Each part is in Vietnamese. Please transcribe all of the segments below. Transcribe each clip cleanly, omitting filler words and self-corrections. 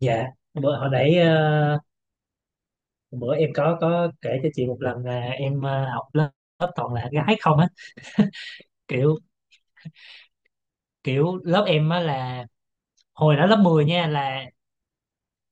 Dạ, bữa hồi nãy, bữa em có kể cho chị một lần là em, học lớp toàn là gái không á. Kiểu kiểu lớp em á là hồi đó lớp 10 nha, là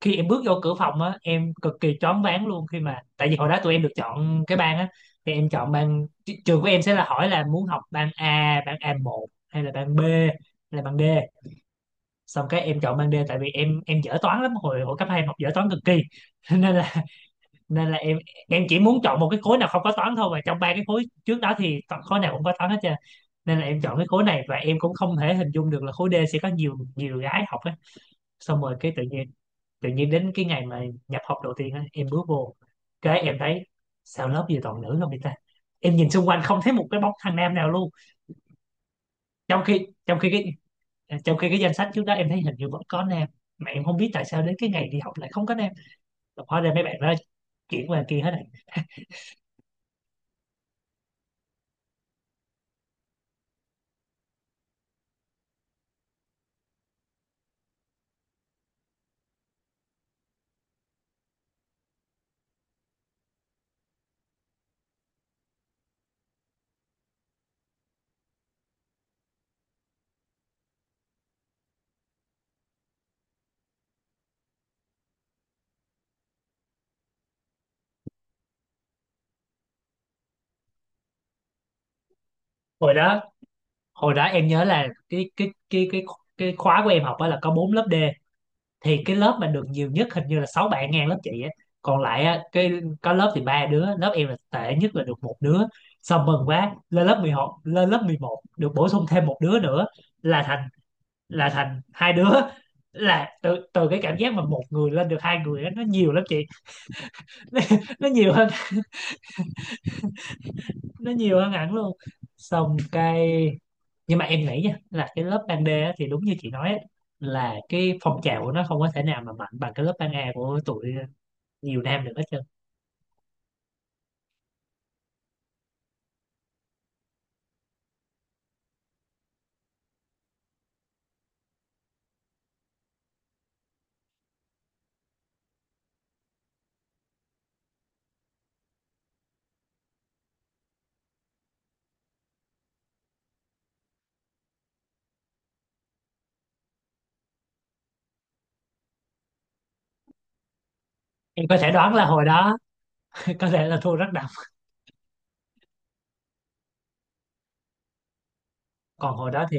khi em bước vô cửa phòng á em cực kỳ choáng váng luôn, khi mà tại vì hồi đó tụi em được chọn cái ban á, thì em chọn ban trường của em sẽ là, hỏi là muốn học ban A, ban a một, hay là ban B, hay là ban D. Xong cái em chọn ban D tại vì em dở toán lắm, hồi hồi cấp 2 em học dở toán cực kỳ. nên là nên là em chỉ muốn chọn một cái khối nào không có toán thôi, và trong ba cái khối trước đó thì khối nào cũng có toán hết trơn. Nên là em chọn cái khối này, và em cũng không thể hình dung được là khối D sẽ có nhiều nhiều gái học á. Xong rồi cái tự nhiên đến cái ngày mà nhập học đầu tiên á, em bước vô cái em thấy sao lớp gì toàn nữ không vậy ta. Em nhìn xung quanh không thấy một cái bóng thằng nam nào luôn, trong khi trong khi cái trong khi cái danh sách trước đó em thấy hình như vẫn có nam, mà em không biết tại sao đến cái ngày đi học lại không có nam. Hóa ra mấy bạn đó chuyển qua kia hết rồi. Hồi đó hồi đó em nhớ là cái khóa của em học á là có 4 lớp D, thì cái lớp mà được nhiều nhất hình như là 6 bạn, ngang lớp chị á. Còn lại á, cái có lớp thì ba đứa, lớp em là tệ nhất, là được một đứa. Xong mừng quá lên lớp 11, được bổ sung thêm một đứa nữa, là thành, hai đứa. Là từ từ cái cảm giác mà một người lên được hai người á, nó nhiều lắm chị. nó, nó nhiều hơn nó nhiều hơn hẳn luôn. Xong cái, nhưng mà em nghĩ nha, là cái lớp ban D á thì đúng như chị nói á, là cái phong trào của nó không có thể nào mà mạnh bằng cái lớp ban A của tụi, nhiều nam được hết trơn. Em có thể đoán là hồi đó có thể là thua rất đậm. Còn hồi đó thì,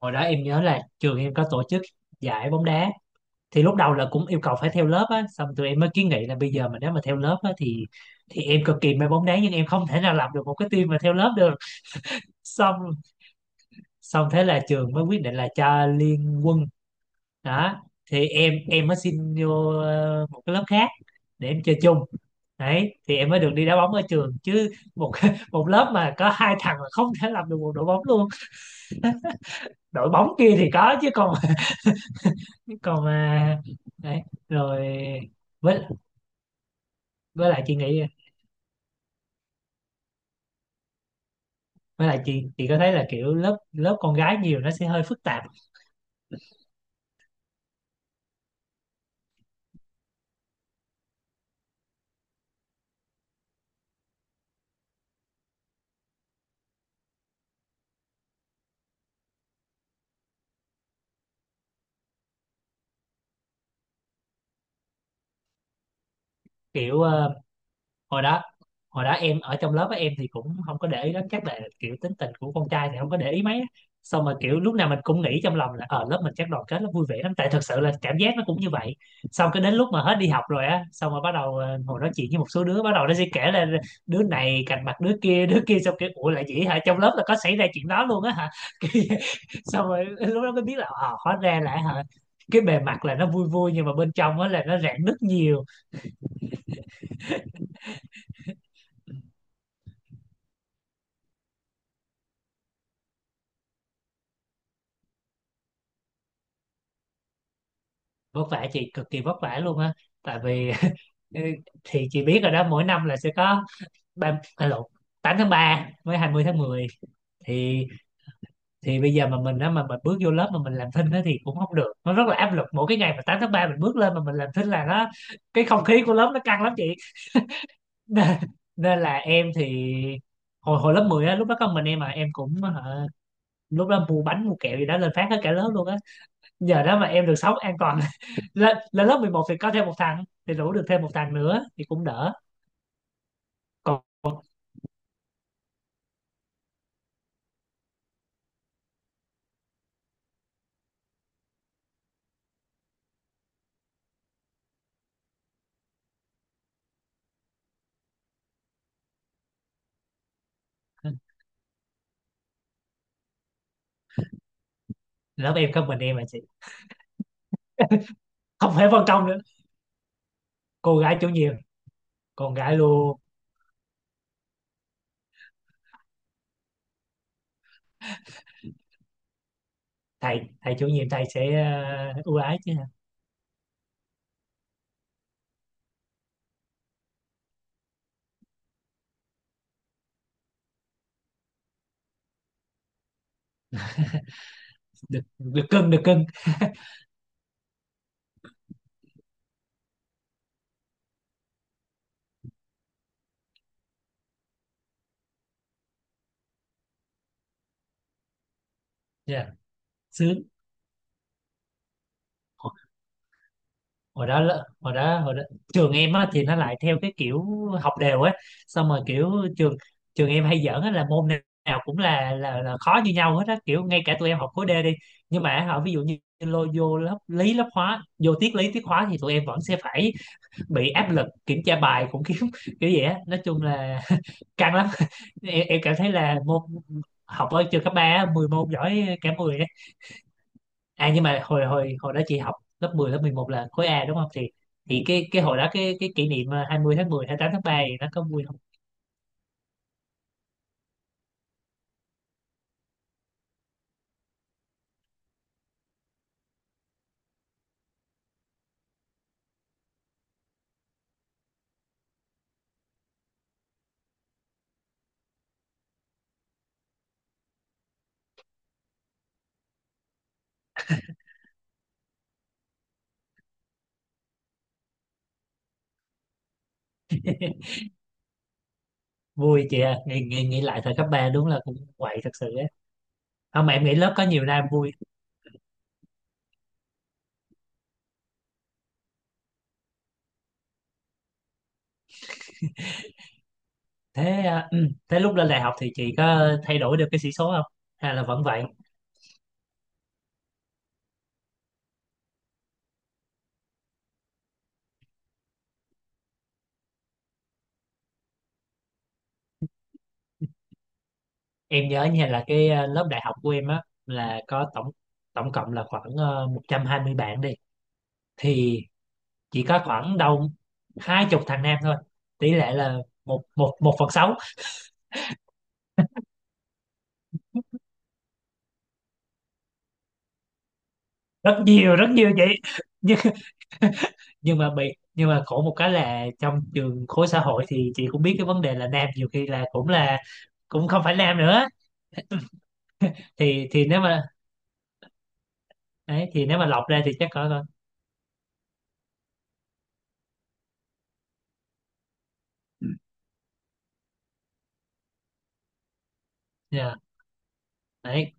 hồi đó em nhớ là trường em có tổ chức giải bóng đá, thì lúc đầu là cũng yêu cầu phải theo lớp á. Xong tụi em mới kiến nghị là bây giờ mà nếu mà theo lớp á thì em cực kỳ mê bóng đá nhưng em không thể nào làm được một cái team mà theo lớp được. Xong, thế là trường mới quyết định là cho liên quân. Đó thì em mới xin vô, một cái lớp khác để em chơi chung. Đấy thì em mới được đi đá bóng ở trường chứ. Một một lớp mà có hai thằng là không thể làm được một đội bóng luôn. Đội bóng kia thì có chứ, còn còn mà, đấy, rồi, với với lại chị nghĩ với lại chị có thấy là kiểu lớp, lớp con gái nhiều nó sẽ hơi phức tạp. Kiểu, hồi đó hồi đó em ở trong lớp á em thì cũng không có để ý lắm, chắc là kiểu tính tình của con trai thì không có để ý mấy á. Xong mà kiểu lúc nào mình cũng nghĩ trong lòng là ở lớp mình chắc đoàn kết lắm, vui vẻ lắm, tại thật sự là cảm giác nó cũng như vậy. Xong cái đến lúc mà hết đi học rồi á, xong rồi bắt đầu ngồi nói chuyện với một số đứa, bắt đầu nó sẽ kể là đứa này cạnh mặt đứa kia đứa kia. Xong kiểu, ủa là vậy hả, trong lớp là có xảy ra chuyện đó luôn á hả? Kiểu vậy. Xong rồi lúc đó mới biết là, ờ, hóa ra là, hả, cái bề mặt là nó vui vui nhưng mà bên trong á là nó rạn nứt nhiều. Vất vả chị, cực kỳ vất vả luôn á. Tại vì thì chị biết rồi đó, mỗi năm là sẽ có ba, à lộn, 8 tháng 3 với 20 tháng 10, thì thì bây giờ mà mình á, mà mình bước vô lớp mà mình làm thinh á thì cũng không được, nó rất là áp lực. Mỗi cái ngày mà 8 tháng 3 mình bước lên mà mình làm thinh là nó, cái không khí của lớp nó căng lắm chị. nên, nên là em thì hồi hồi lớp 10 á, lúc đó có mình em mà em cũng, hả, lúc đó mua bánh mua kẹo gì đó lên phát hết cả lớp luôn á. Giờ đó mà em được sống an toàn. Lên lớp 11 thì có thêm một thằng, thì rủ được thêm một thằng nữa thì cũng đỡ. Còn lớp em có mình em mà chị, không phải phân công nữa. Cô gái chủ nhiệm con gái luôn. Thầy thầy chủ nhiệm, thầy sẽ, ưu ái chứ. Được, được cưng, được cưng. Dạ, sướng. Hồi đó trường em á thì nó lại theo cái kiểu học đều á. Xong rồi kiểu, trường trường em hay giỡn á là môn nào cũng là khó như nhau hết á, kiểu ngay cả tụi em học khối D đi nhưng mà họ ví dụ như lôi vô lớp lý lớp hóa, vô tiết lý tiết hóa thì tụi em vẫn sẽ phải bị áp lực kiểm tra bài, cũng kiểu kiểu vậy á, nói chung là căng lắm. Em cảm thấy là môn học ở trường cấp ba á, 10 môn giỏi cả 10. À, nhưng mà hồi hồi hồi đó chị học lớp 10, lớp 11 là khối A đúng không? Thì cái hồi đó cái kỷ niệm 20 tháng 10, 8 tháng 3 thì nó có vui không? Vui chị à, nghĩ lại thời cấp 3 đúng là cũng quậy thật sự á. Không, mà em nghĩ lớp có nhiều nam vui. Thế, thế lúc lên đại học thì chị có thay đổi được cái sĩ số không? Hay là vẫn vậy? Em nhớ như là cái, lớp đại học của em á là có tổng tổng cộng là khoảng, 120 bạn đi, thì chỉ có khoảng đâu 20 thằng nam thôi. Tỷ lệ là một một 1/6. Rất nhiều, rất nhiều chị. nhưng nhưng mà bị nhưng mà khổ một cái là trong trường khối xã hội thì chị cũng biết, cái vấn đề là nam nhiều khi là cũng không phải nam nữa. Thì nếu mà, đấy, thì nếu mà lọc ra thì chắc có con. Dạ, đấy,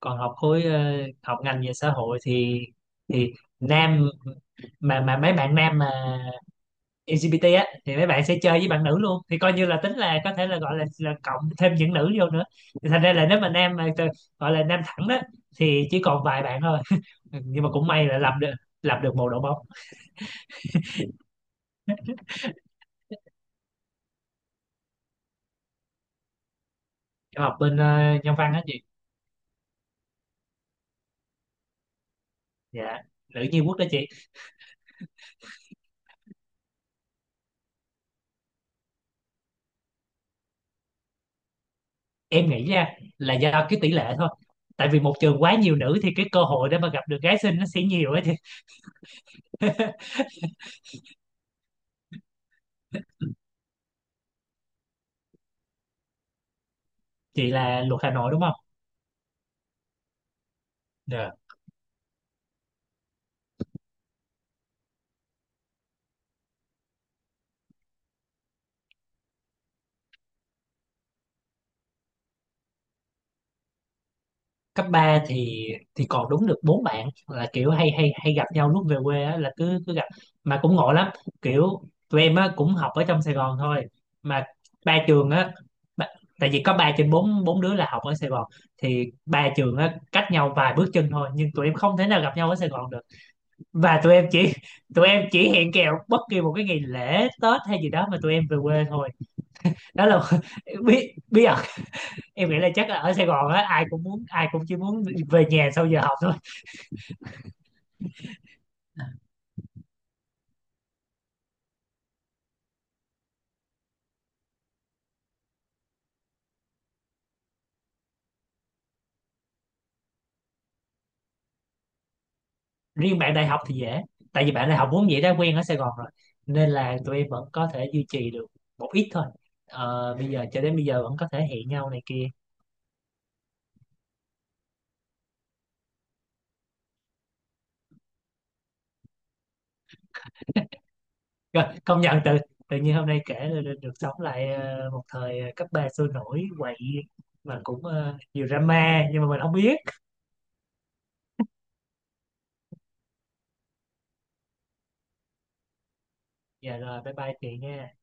còn học khối, học ngành về xã hội thì nam mà mấy bạn nam mà LGBT á thì mấy bạn sẽ chơi với bạn nữ luôn, thì coi như là tính là có thể là gọi là cộng thêm những nữ vô nữa. Thì thành ra là nếu mà nam mà gọi là nam thẳng đó thì chỉ còn vài bạn thôi. Ừ, nhưng mà cũng may là làm được một đội bóng. Em học bên, nhân văn á chị. Dạ, nữ nhi quốc đó chị. Em nghĩ ra là do cái tỷ lệ thôi, tại vì một trường quá nhiều nữ thì cái cơ hội để mà gặp được gái xinh nó sẽ nhiều á chị. Chị là luật Hà Nội đúng không? Dạ. Cấp 3 thì còn đúng được bốn bạn, là kiểu hay hay hay gặp nhau lúc về quê á, là cứ cứ gặp. Mà cũng ngộ lắm, kiểu tụi em á cũng học ở trong Sài Gòn thôi, mà ba trường á, ba- tại vì có ba trên bốn, đứa là học ở Sài Gòn, thì ba trường á cách nhau vài bước chân thôi nhưng tụi em không thể nào gặp nhau ở Sài Gòn được. Và tụi em chỉ hẹn kèo bất kỳ một cái ngày lễ Tết hay gì đó mà tụi em về quê thôi. Đó là bí bí ẩn. Em nghĩ là chắc là ở Sài Gòn á, ai cũng chỉ muốn về nhà sau giờ học thôi. Riêng bạn đại học thì dễ, tại vì bạn đại học vốn dĩ đã quen ở Sài Gòn rồi, nên là tụi em vẫn có thể duy trì được một ít thôi. Ờ, bây giờ cho đến bây giờ vẫn có thể hẹn nhau này kia. Rồi công nhận, tự tự nhiên hôm nay kể là được, sống lại, một thời, cấp ba sôi nổi, quậy mà cũng, nhiều drama nhưng mà mình không biết. Dạ rồi, bye bye chị nha.